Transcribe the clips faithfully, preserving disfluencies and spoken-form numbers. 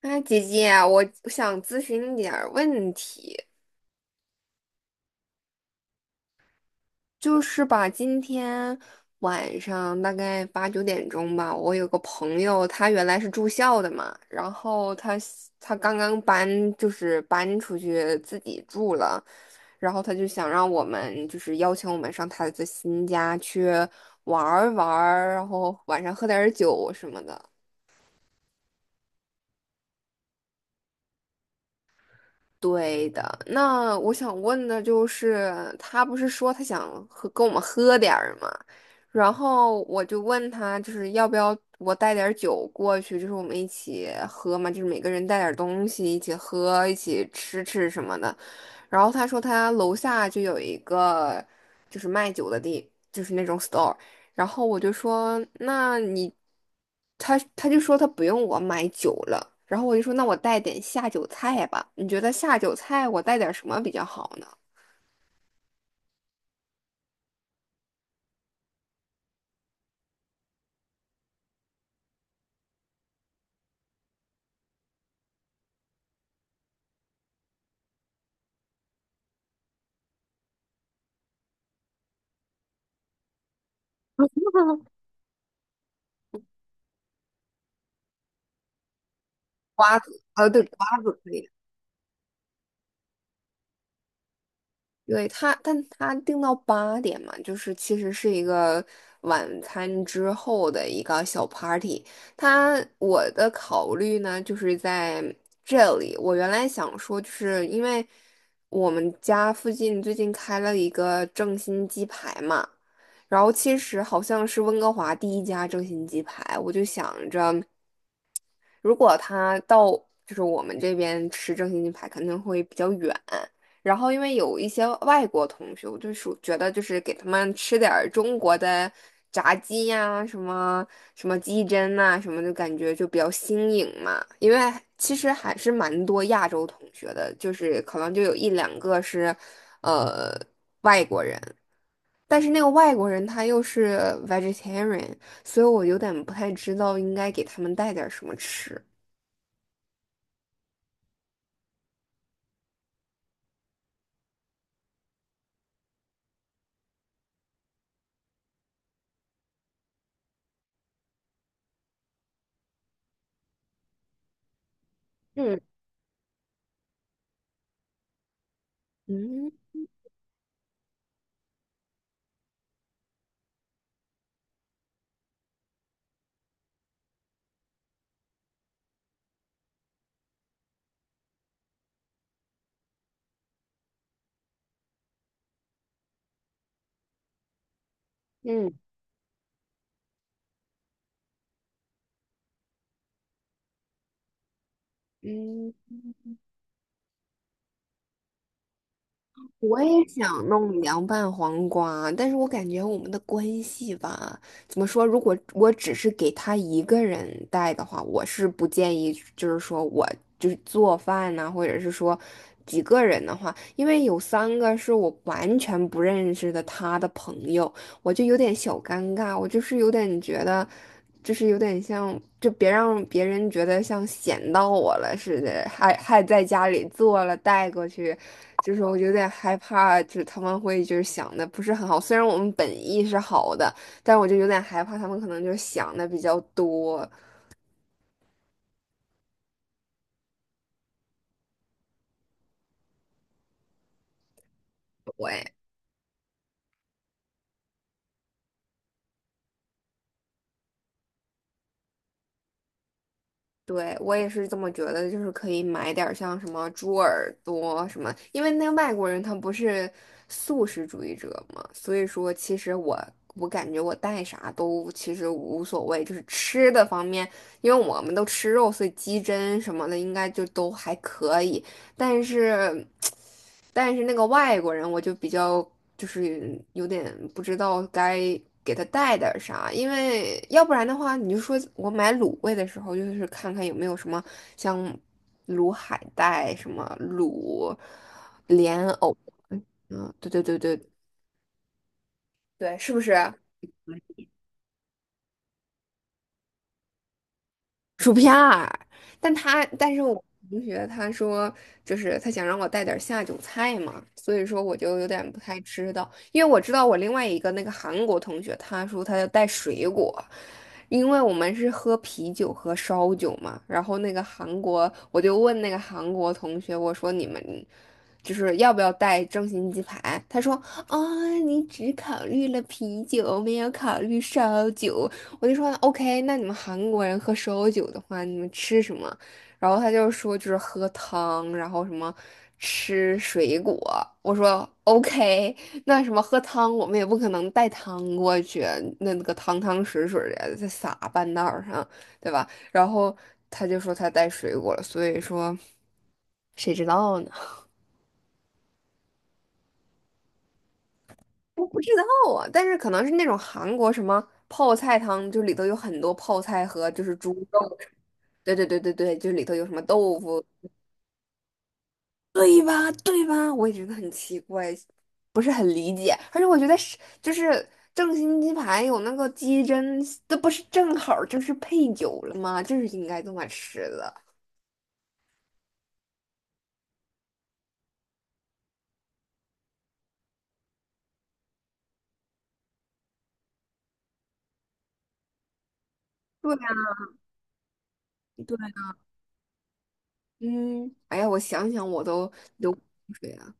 哎，姐姐啊，我想咨询你点儿问题，就是吧，今天晚上大概八九点钟吧，我有个朋友，他原来是住校的嘛，然后他他刚刚搬，就是搬出去自己住了，然后他就想让我们，就是邀请我们上他的新家去玩儿玩儿，然后晚上喝点儿酒什么的。对的，那我想问的就是，他不是说他想喝跟我们喝点儿吗？然后我就问他，就是要不要我带点儿酒过去，就是我们一起喝嘛，就是每个人带点儿东西一起喝，一起吃吃什么的。然后他说他楼下就有一个就是卖酒的地，就是那种 store。然后我就说那你，他他就说他不用我买酒了。然后我就说那我带点下酒菜吧，你觉得下酒菜我带点什么比较好呢？瓜子，呃，对，瓜子可以。对他，但他定到八点嘛，就是其实是一个晚餐之后的一个小 party。他我的考虑呢，就是在这里。我原来想说，就是因为我们家附近最近开了一个正新鸡排嘛，然后其实好像是温哥华第一家正新鸡排，我就想着。如果他到就是我们这边吃正新鸡排，肯定会比较远。然后因为有一些外国同学，我就是觉得就是给他们吃点儿中国的炸鸡呀、什么什么鸡胗呐、什么的，感觉就比较新颖嘛。因为其实还是蛮多亚洲同学的，就是可能就有一两个是，呃，外国人。但是那个外国人他又是 vegetarian，所以我有点不太知道应该给他们带点儿什么吃。嗯嗯嗯嗯，我也想弄凉拌黄瓜，但是我感觉我们的关系吧，怎么说？如果我只是给他一个人带的话，我是不建议，就是说我就是做饭呐、或者是说几个人的话，因为有三个是我完全不认识的他的朋友，我就有点小尴尬，我就是有点觉得，就是有点像，就别让别人觉得像闲到我了似的，还还在家里做了带过去，就是我有点害怕，就是他们会就是想的不是很好，虽然我们本意是好的，但我就有点害怕他们可能就想的比较多，对。对，我也是这么觉得，就是可以买点儿像什么猪耳朵什么，因为那个外国人他不是素食主义者嘛，所以说其实我我感觉我带啥都其实无所谓，就是吃的方面，因为我们都吃肉，所以鸡胗什么的应该就都还可以。但是，但是那个外国人我就比较就是有点不知道该给他带点儿啥，因为要不然的话，你就说我买卤味的时候，就是看看有没有什么像卤海带、什么卤莲藕，嗯，对对对对对，是不是？但他，但是我同学他说，就是他想让我带点儿下酒菜嘛，所以说我就有点不太知道，因为我知道我另外一个那个韩国同学，他说他要带水果，因为我们是喝啤酒和烧酒嘛，然后那个韩国，我就问那个韩国同学，我说你们就是要不要带正新鸡排？他说啊，你只考虑了啤酒，没有考虑烧酒，我就说 OK，那你们韩国人喝烧酒的话，你们吃什么？然后他就说就是喝汤，然后什么吃水果。我说 OK，那什么喝汤，我们也不可能带汤过去，那那个汤汤水水的再撒半道儿上，对吧？然后他就说他带水果了，所以说谁知道呢？我不知道啊，但是可能是那种韩国什么泡菜汤，就里头有很多泡菜和就是猪肉。对对对对对，就里头有什么豆腐，对吧？对吧？我也觉得很奇怪，不是很理解。而且我觉得是就是正新鸡排有那个鸡胗，这不是正好儿就是配酒了吗？就是应该这么吃的。对呀，对呀，嗯，哎呀，我想想我都流口水了。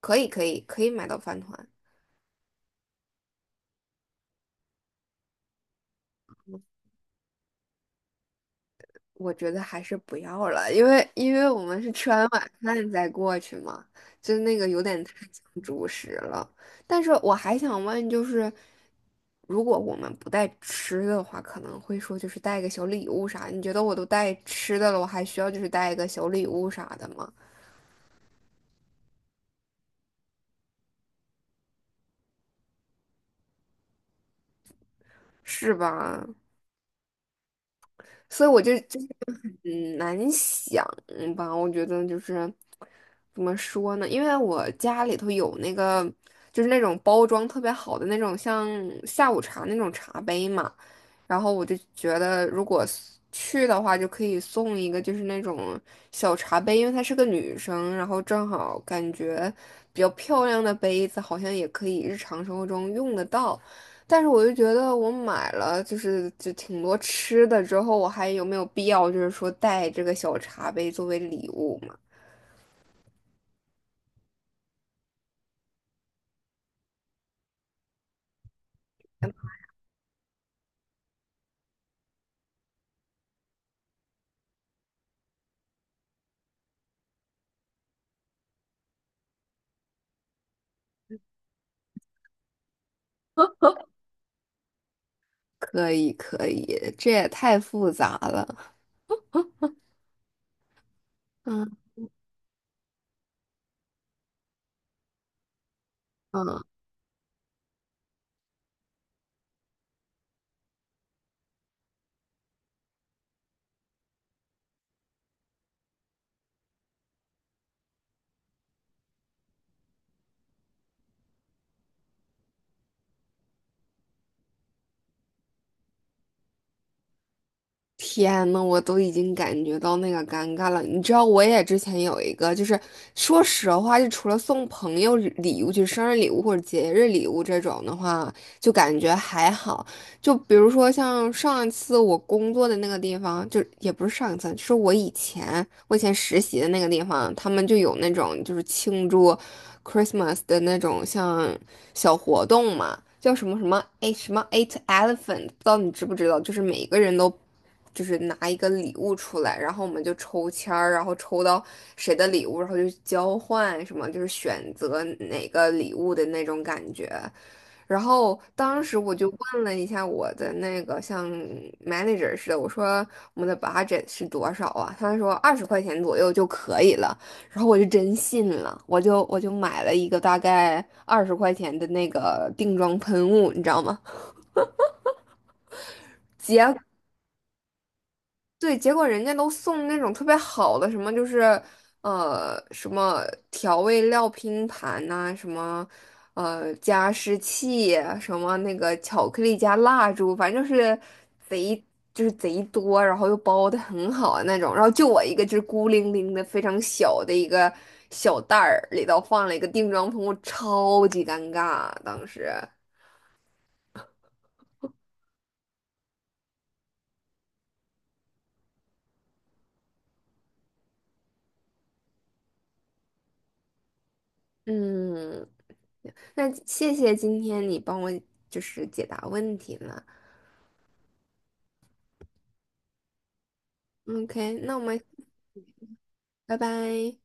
可以可以可以买到饭团。我觉得还是不要了，因为因为我们是吃完晚饭再过去嘛，就那个有点太像主食了。但是我还想问，就是如果我们不带吃的话，可能会说就是带个小礼物啥？你觉得我都带吃的了，我还需要就是带一个小礼物啥的吗？是吧？所以我就就嗯，难想嗯吧？我觉得就是怎么说呢？因为我家里头有那个，就是那种包装特别好的那种，像下午茶那种茶杯嘛。然后我就觉得，如果 s- 去的话，就可以送一个就是那种小茶杯，因为她是个女生，然后正好感觉比较漂亮的杯子，好像也可以日常生活中用得到。但是我就觉得，我买了就是就挺多吃的之后，我还有没有必要就是说带这个小茶杯作为礼物嘛？可以，可以，这也太复杂了。嗯嗯。天呐，我都已经感觉到那个尴尬了。你知道，我也之前有一个，就是说实话，就除了送朋友礼礼物，就是生日礼物或者节日礼物这种的话，就感觉还好。就比如说像上一次我工作的那个地方，就也不是上一次，就是我以前我以前实习的那个地方，他们就有那种就是庆祝 Christmas 的那种像小活动嘛，叫什么什么哎什么 Eight Elephant，不知道你知不知道？就是每个人都就是拿一个礼物出来，然后我们就抽签儿，然后抽到谁的礼物，然后就交换什么，就是选择哪个礼物的那种感觉。然后当时我就问了一下我的那个像 manager 似的，我说我们的 budget 是多少啊？他说二十块钱左右就可以了。然后我就真信了，我就我就买了一个大概二十块钱的那个定妆喷雾，你知道吗？结。对，结果人家都送那种特别好的，什么就是呃什么调味料拼盘呐、什么呃加湿器，什么那个巧克力加蜡烛，反正就是贼就是贼多，然后又包的很好的那种。然后就我一个就是孤零零的非常小的一个小袋儿，里头放了一个定妆喷雾，超级尴尬当时。嗯，那谢谢今天你帮我就是解答问题了。OK，那我们拜拜。